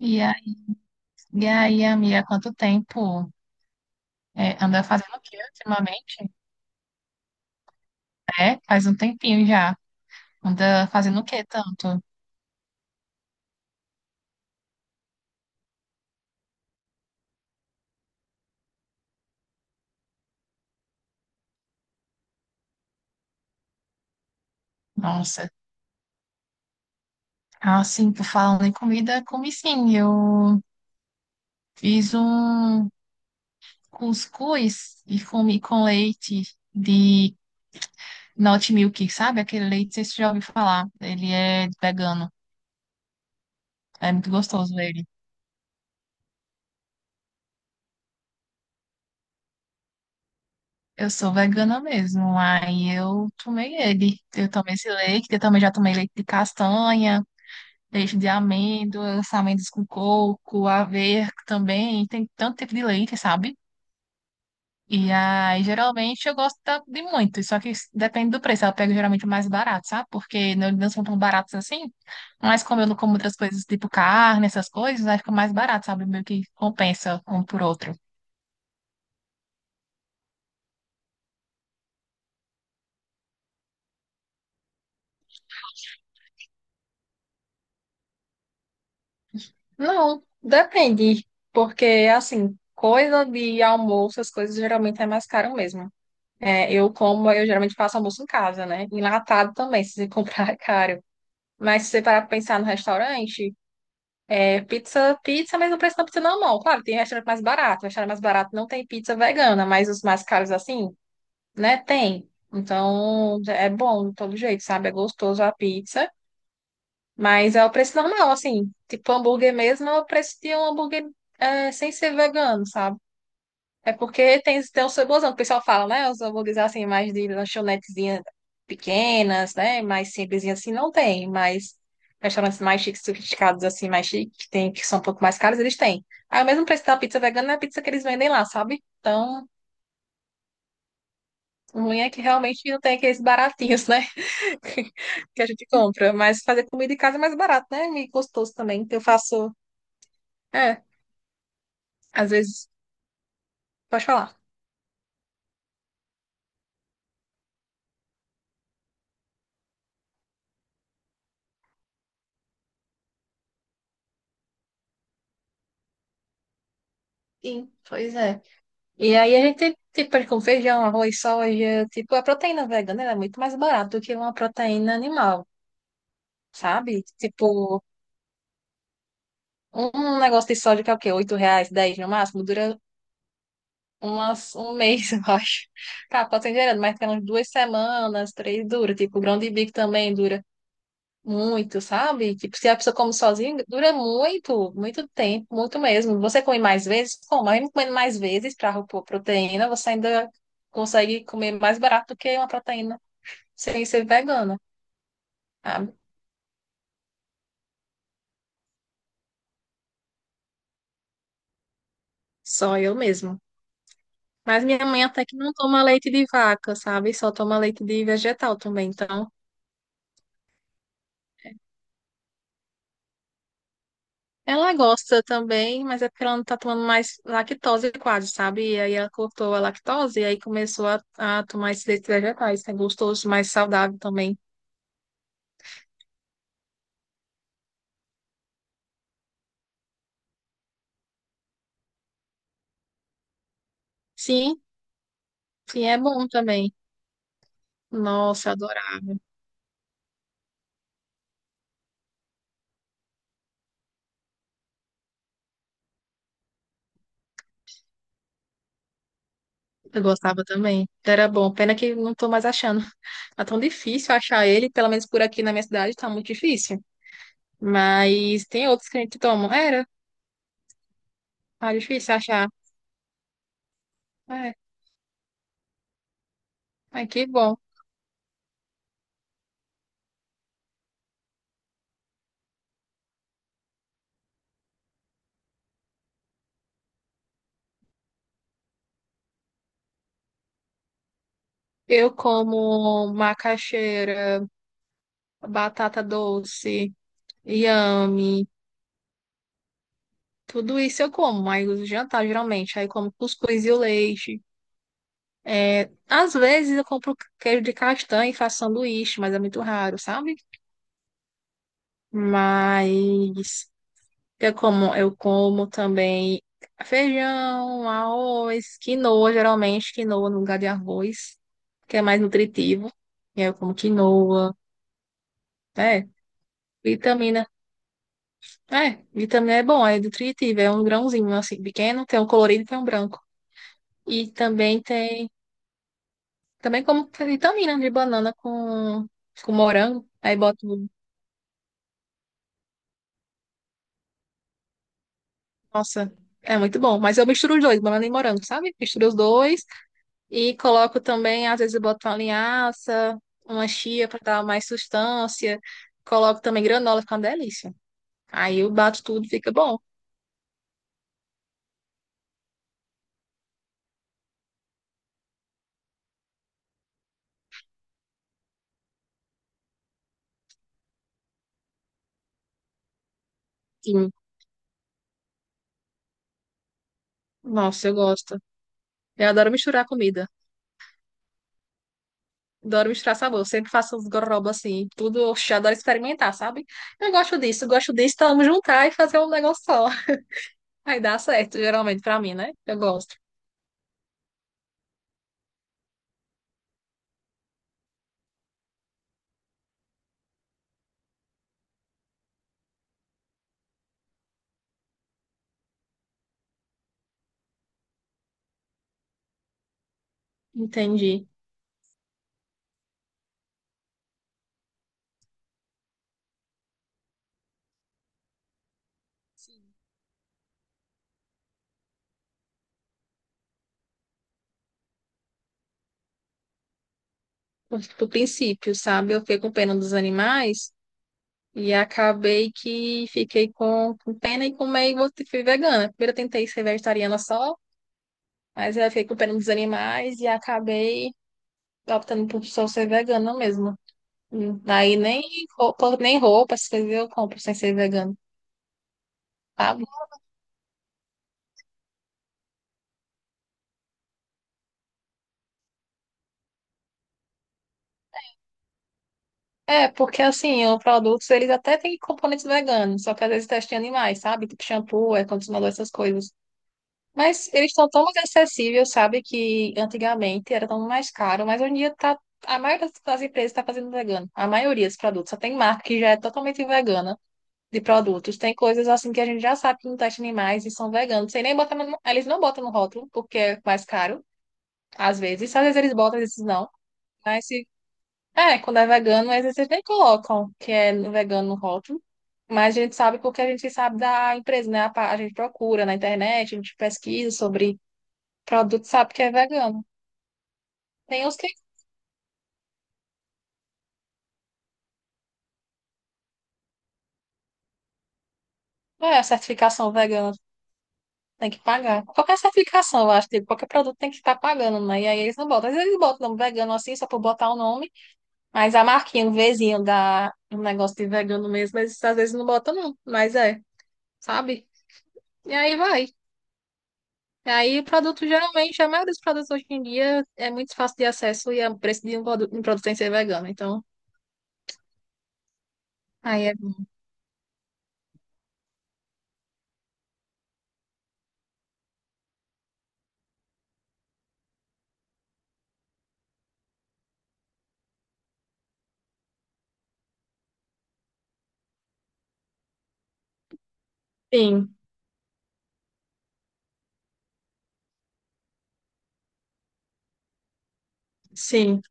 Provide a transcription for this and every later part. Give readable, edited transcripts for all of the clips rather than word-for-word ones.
E aí, e aí, amiga, quanto tempo é, anda fazendo o quê ultimamente? É, faz um tempinho já. Anda fazendo o quê tanto? Nossa, assim, por falando em comida, comi sim. Eu fiz um cuscuz e comi com leite de Not Milk, sabe? Aquele leite, vocês já ouviram falar. Ele é vegano. É muito gostoso ele. Eu sou vegana mesmo, aí eu tomei ele. Eu tomei esse leite, eu também já tomei leite de castanha. Leite de amêndoas, amêndoas com coco, aveia também, tem tanto tipo de leite, sabe? E aí, geralmente, eu gosto de muito, só que depende do preço. Eu pego geralmente o mais barato, sabe? Porque não são tão baratos assim, mas como eu não como outras coisas, tipo carne, essas coisas, aí fica mais barato, sabe? Meio que compensa um por outro. Não, depende, porque assim, coisa de almoço, as coisas geralmente é mais caro mesmo. É, eu geralmente faço almoço em casa, né? Enlatado também, se você comprar é caro. Mas se você parar pra pensar no restaurante, é pizza, pizza, mas o preço da pizza normal. Claro, tem restaurante mais barato. Restaurante mais barato não tem pizza vegana, mas os mais caros assim, né? Tem. Então, é bom de todo jeito, sabe? É gostoso a pizza, mas é o preço normal, assim. Tipo, hambúrguer mesmo é o preço de um hambúrguer é, sem ser vegano, sabe? É porque tem os saborzão, que o pessoal fala, né? Os hambúrgueres assim, mais de lanchonetezinhas pequenas, né? Mais simplesinhas assim, não tem, mas restaurantes mais chiques, sofisticados, assim, mais chiques, que tem, que são um pouco mais caros, eles têm. Aí o mesmo preço da pizza vegana é a pizza que eles vendem lá, sabe? Então, o ruim é que realmente não tem aqueles baratinhos, né? Que a gente compra. Mas fazer comida em casa é mais barato, né? E gostoso também. Então eu faço. É, às vezes. Pode falar. Sim, pois é. E aí a gente, tipo, com feijão, arroz, soja, tipo, a proteína vegana ela é muito mais barata do que uma proteína animal, sabe? Tipo, um negócio de soja que é o quê? R$ 8, 10 no máximo, dura umas, 1 mês, eu acho. Tá, pode ser gerando, mas tem umas 2 semanas, três dura. Tipo, o grão de bico também dura muito, sabe? Tipo, se a pessoa come sozinha, dura muito, muito tempo, muito mesmo. Você come mais vezes? Como? Mesmo comendo mais vezes para proteína, você ainda consegue comer mais barato do que uma proteína sem ser vegana, sabe? Só eu mesma. Mas minha mãe até que não toma leite de vaca, sabe? Só toma leite de vegetal também. Então, ela gosta também, mas é porque ela não tá tomando mais lactose quase, sabe? E aí ela cortou a lactose e aí começou a tomar esses leites vegetais. É gostoso, mais saudável também. Sim, sim, é bom também. Nossa, eu adorava. Eu gostava também. Era bom. Pena que não tô mais achando. Tá tão difícil achar ele, pelo menos por aqui na minha cidade, tá muito difícil. Mas tem outros que a gente toma. Era. Ah, difícil achar. É. Ai, que bom. Eu como macaxeira, batata doce, inhame. Tudo isso eu como, mas o jantar geralmente. Aí eu como cuscuz e o leite. É, às vezes eu compro queijo de castanha e faço sanduíche, mas é muito raro, sabe? Mas eu como, eu como também feijão, arroz, quinoa, geralmente quinoa no lugar de arroz, que é mais nutritivo. E aí eu como quinoa, é, vitamina. É, vitamina é bom, é nutritivo, é um grãozinho assim, pequeno, tem um colorido e tem um branco. E também como vitamina de banana com morango, aí boto, nossa, é muito bom. Mas eu misturo os dois, banana e morango, sabe? Misturo os dois. E coloco também, às vezes eu boto uma linhaça, uma chia para dar mais sustância. Coloco também granola, fica uma delícia. Aí eu bato tudo, fica bom. Sim. Nossa, eu gosto. Eu adoro misturar comida. Adoro misturar sabor. Eu sempre faço uns gororoba assim, tudo. Oxe, eu adoro experimentar, sabe? Eu gosto disso, eu gosto disso. Então, vamos juntar e fazer um negócio só. Aí dá certo, geralmente, pra mim, né? Eu gosto. Entendi. Do princípio, sabe? Eu fico com pena dos animais. E acabei que fiquei com pena e com meio que fui vegana. Primeiro eu tentei ser vegetariana só, mas eu fiquei com pena dos animais e acabei optando por só ser vegana mesmo. Aí nem nem roupa, essas coisas eu compro sem ser vegano, sabe? É, porque assim, os produtos eles até têm componentes veganos, só que às vezes testem animais, sabe? Tipo shampoo, é condicionador, essas coisas. Mas eles estão tão mais acessíveis, sabe? Que antigamente era tão mais caro, mas hoje em dia tá, a maioria das empresas está fazendo vegano. A maioria dos produtos. Só tem marca que já é totalmente vegana de produtos. Tem coisas assim que a gente já sabe que não testa animais e são veganos. Sem nem botar eles não botam no rótulo, porque é mais caro, às vezes. Às vezes eles botam, às vezes não. Mas se, é, quando é vegano, às vezes eles nem colocam que é vegano no rótulo. Mas a gente sabe porque a gente sabe da empresa, né? A, a gente procura na internet, a gente pesquisa sobre produto, sabe que é vegano. Tem os que é a certificação vegana, tem que pagar. Qualquer certificação, eu acho, tipo, qualquer produto tem que estar pagando, né? E aí eles não botam. Às vezes eles botam o nome vegano assim, só por botar o nome, mas a marquinha, o Vzinho da um negócio de vegano mesmo, eles às vezes não botam, não. Mas é, sabe? E aí vai. E aí o produto, geralmente, a maioria dos produtos hoje em dia é muito fácil de acesso e é o preço de um produto sem ser vegano. Então, aí é. Sim, sim.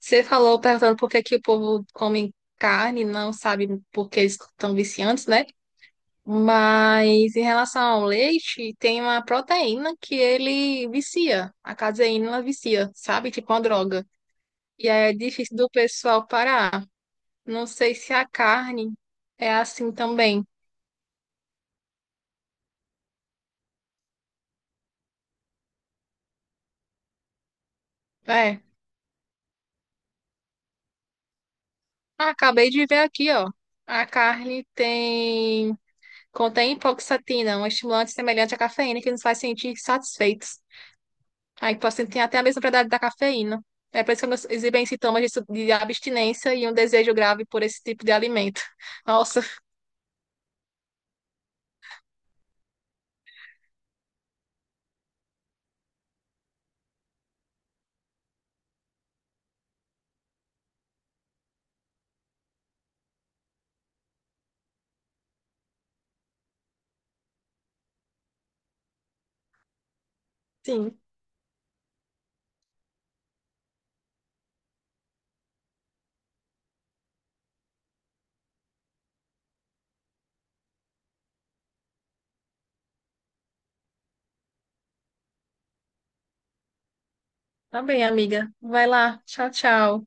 Você falou perguntando por que que o povo come carne, não sabe por que eles estão viciantes, né? Mas em relação ao leite, tem uma proteína que ele vicia. A caseína ela vicia, sabe? Tipo uma droga. E aí é difícil do pessoal parar. Não sei se a carne é assim também. É. Ah, acabei de ver aqui, ó. A carne tem contém hipoxatina, um estimulante semelhante à cafeína que nos faz sentir satisfeitos. Aí o paciente tem até a mesma propriedade da cafeína. É por isso que elas exibem sintomas de, de abstinência e um desejo grave por esse tipo de alimento. Nossa, sim. Tá bem, amiga. Vai lá. Tchau, tchau.